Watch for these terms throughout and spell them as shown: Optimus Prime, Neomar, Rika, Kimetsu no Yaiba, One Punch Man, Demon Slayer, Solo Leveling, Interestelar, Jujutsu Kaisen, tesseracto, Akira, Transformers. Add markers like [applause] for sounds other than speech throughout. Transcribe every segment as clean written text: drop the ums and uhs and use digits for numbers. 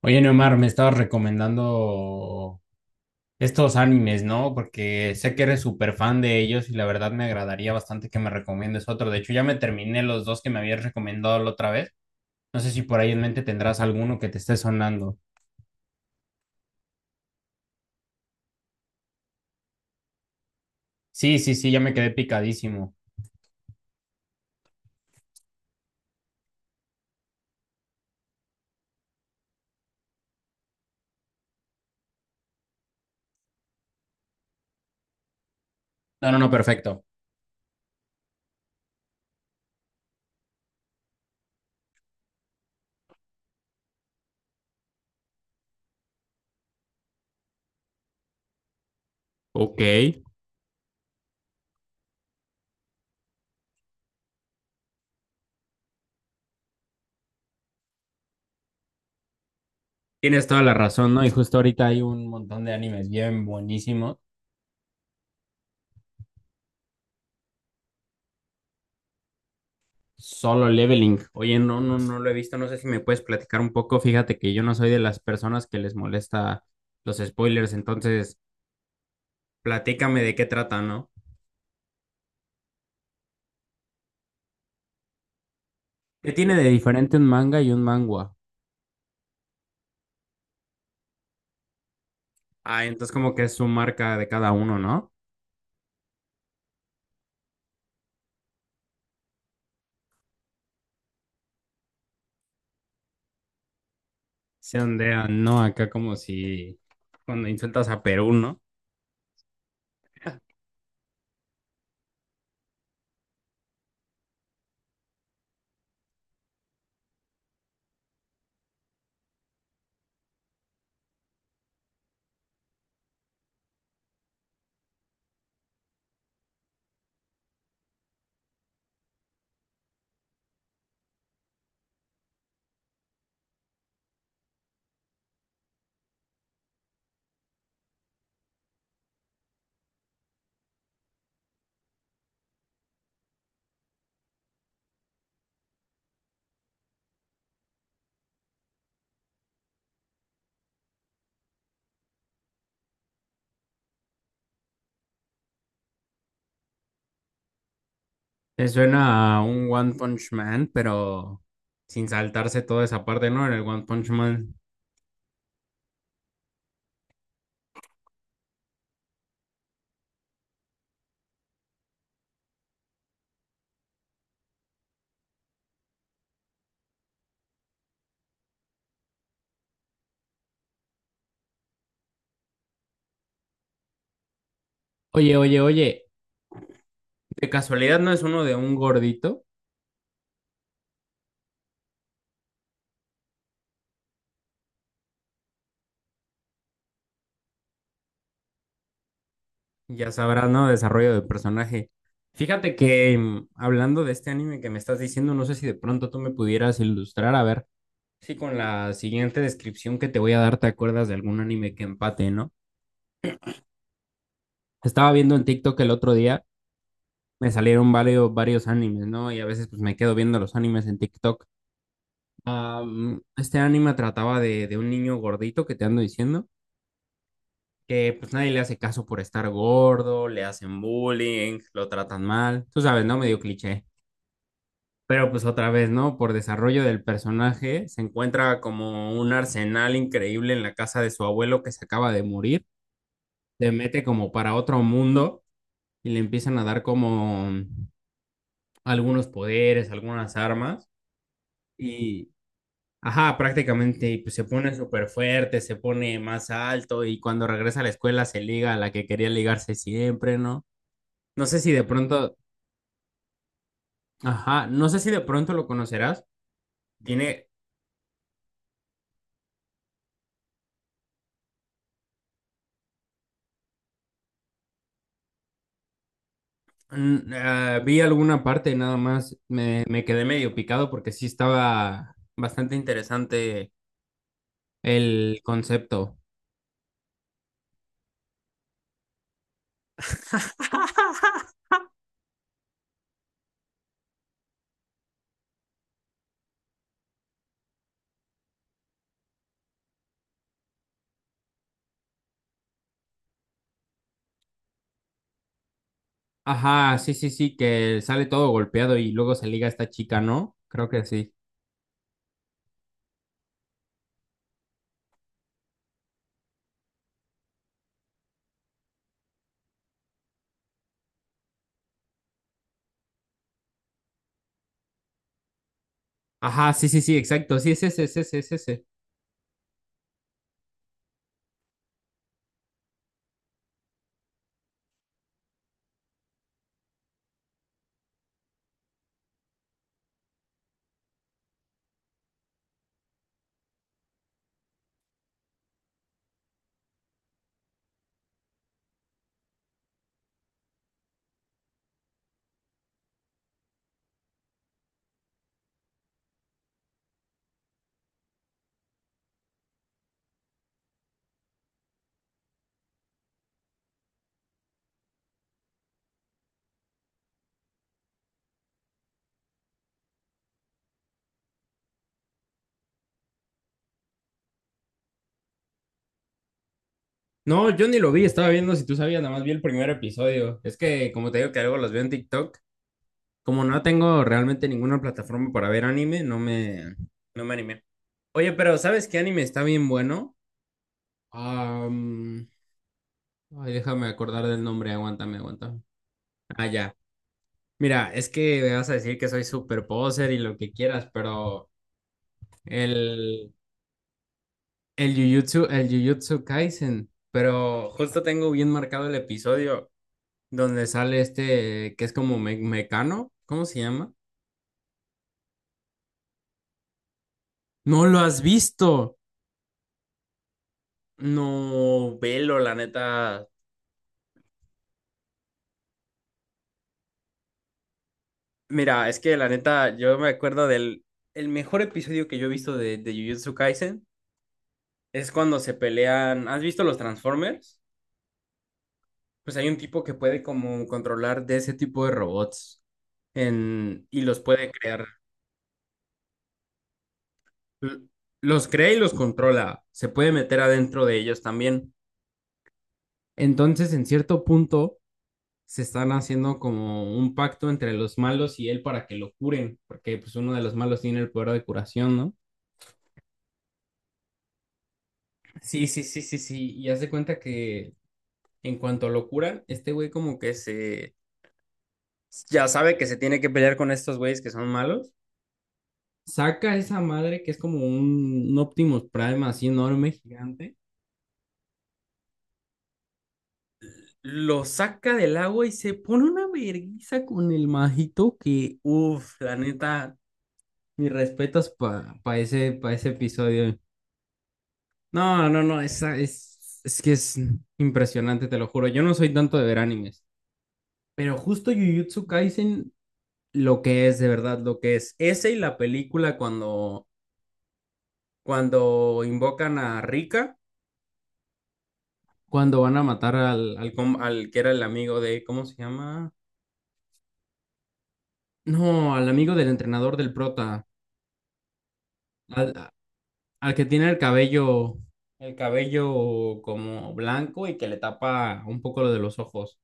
Oye, Neomar, me estabas recomendando estos animes, ¿no? Porque sé que eres súper fan de ellos y la verdad me agradaría bastante que me recomiendes otro. De hecho, ya me terminé los dos que me habías recomendado la otra vez. No sé si por ahí en mente tendrás alguno que te esté sonando. Sí, sí, sí, ya me quedé picadísimo. No, no, no, perfecto. Ok. Tienes toda la razón, ¿no? Y justo ahorita hay un montón de animes bien buenísimos. Solo Leveling. Oye, no, no, no lo he visto. No sé si me puedes platicar un poco. Fíjate que yo no soy de las personas que les molesta los spoilers, entonces platícame de qué trata, ¿no? ¿Qué tiene de diferente un manga y un mangua? Ah, entonces como que es su marca de cada uno, ¿no? Se ondean, ¿no? Acá como si cuando insultas a Perú, ¿no? Se suena a un One Punch Man, pero sin saltarse toda esa parte, ¿no? En el One Punch Man. Oye, oye, oye, ¿de casualidad no es uno de un gordito? Ya sabrás, ¿no? Desarrollo de personaje. Fíjate que hablando de este anime que me estás diciendo, no sé si de pronto tú me pudieras ilustrar, a ver si con la siguiente descripción que te voy a dar te acuerdas de algún anime que empate, ¿no? Estaba viendo en TikTok el otro día, me salieron varios, varios animes, ¿no? Y a veces pues me quedo viendo los animes en TikTok. Ah, este anime trataba de un niño gordito que te ando diciendo, que pues nadie le hace caso por estar gordo, le hacen bullying, lo tratan mal, tú sabes, ¿no? Medio cliché. Pero pues otra vez, ¿no? Por desarrollo del personaje, se encuentra como un arsenal increíble en la casa de su abuelo que se acaba de morir. Se mete como para otro mundo y le empiezan a dar como algunos poderes, algunas armas. Y, ajá, prácticamente pues, se pone súper fuerte, se pone más alto y cuando regresa a la escuela se liga a la que quería ligarse siempre, ¿no? No sé si de pronto, ajá, no sé si de pronto lo conocerás. Tiene. Mm, ah, vi alguna parte nada más, me quedé medio picado porque sí estaba bastante interesante el concepto. [laughs] Ajá, sí, sí, sí, que sale todo golpeado y luego se liga a esta chica, ¿no? Creo que sí. Ajá, sí, sí, sí, exacto, sí, es ese, es ese, es ese. No, yo ni lo vi, estaba viendo si tú sabías, nada más vi el primer episodio. Es que, como te digo que luego los veo en TikTok, como no tengo realmente ninguna plataforma para ver anime, no me animé. Oye, pero ¿sabes qué anime está bien bueno? Am, ay, déjame acordar del nombre, aguántame, aguántame. Ah, ya. Mira, es que me vas a decir que soy super poser y lo que quieras, pero el, el Jujutsu Kaisen, pero justo tengo bien marcado el episodio donde sale este que es como Mecano, ¿cómo se llama? No lo has visto. No, velo, la neta. Mira, es que la neta, yo me acuerdo del el mejor episodio que yo he visto de Jujutsu Kaisen. Es cuando se pelean. ¿Has visto los Transformers? Pues hay un tipo que puede como controlar de ese tipo de robots en... y los puede crear. L- Los crea y los controla. Se puede meter adentro de ellos también. Entonces, en cierto punto, se están haciendo como un pacto entre los malos y él para que lo curen, porque pues uno de los malos tiene el poder de curación, ¿no? Sí, sí, sí, sí, sí. Y haz de cuenta que en cuanto lo curan, este güey como que se, ya sabe que se tiene que pelear con estos güeyes que son malos. Saca esa madre que es como un Optimus Prime así enorme, gigante. Lo saca del agua y se pone una verguiza con el majito que, uff, la neta, mis respetos para ese, pa ese episodio. No, no, no, esa es que es impresionante, te lo juro. Yo no soy tanto de ver animes, pero justo Jujutsu Kaisen, lo que es, de verdad, lo que es. Ese y la película cuando invocan a Rika, cuando van a matar al, al, al que era el amigo de, ¿cómo se llama? No, al amigo del entrenador del prota, al, al que tiene el cabello como blanco y que le tapa un poco lo de los ojos.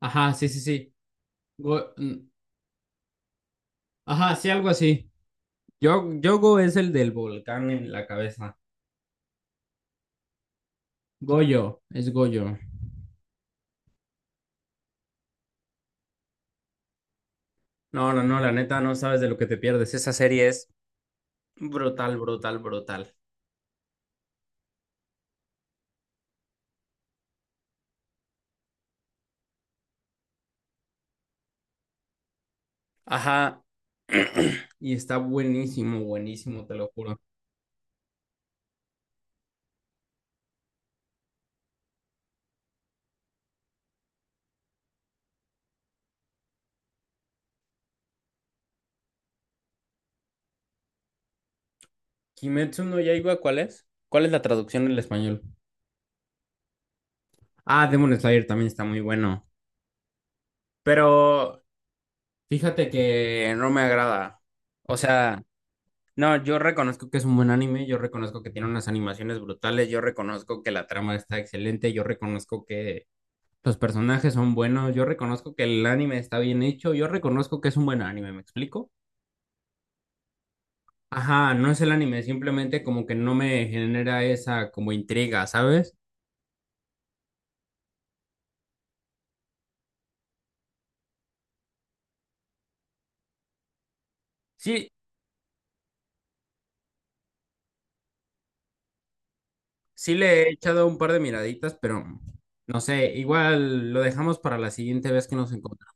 Ajá, sí, sí, sí. Go- mm, ajá, sí, algo así. Yo, Yogo es el del volcán en la cabeza. Goyo, es Goyo. No, no, no, la neta, no sabes de lo que te pierdes. Esa serie es brutal, brutal, brutal. Ajá, y está buenísimo, buenísimo, te lo juro. Kimetsu no Yaiba, ¿cuál es? ¿Cuál es la traducción en español? Ah, Demon Slayer también está muy bueno, pero fíjate que no me agrada. O sea, no, yo reconozco que es un buen anime, yo reconozco que tiene unas animaciones brutales, yo reconozco que la trama está excelente, yo reconozco que los personajes son buenos, yo reconozco que el anime está bien hecho, yo reconozco que es un buen anime, ¿me explico? Ajá, no es el anime, simplemente como que no me genera esa como intriga, ¿sabes? Sí, sí le he echado un par de miraditas, pero no sé, igual lo dejamos para la siguiente vez que nos encontremos.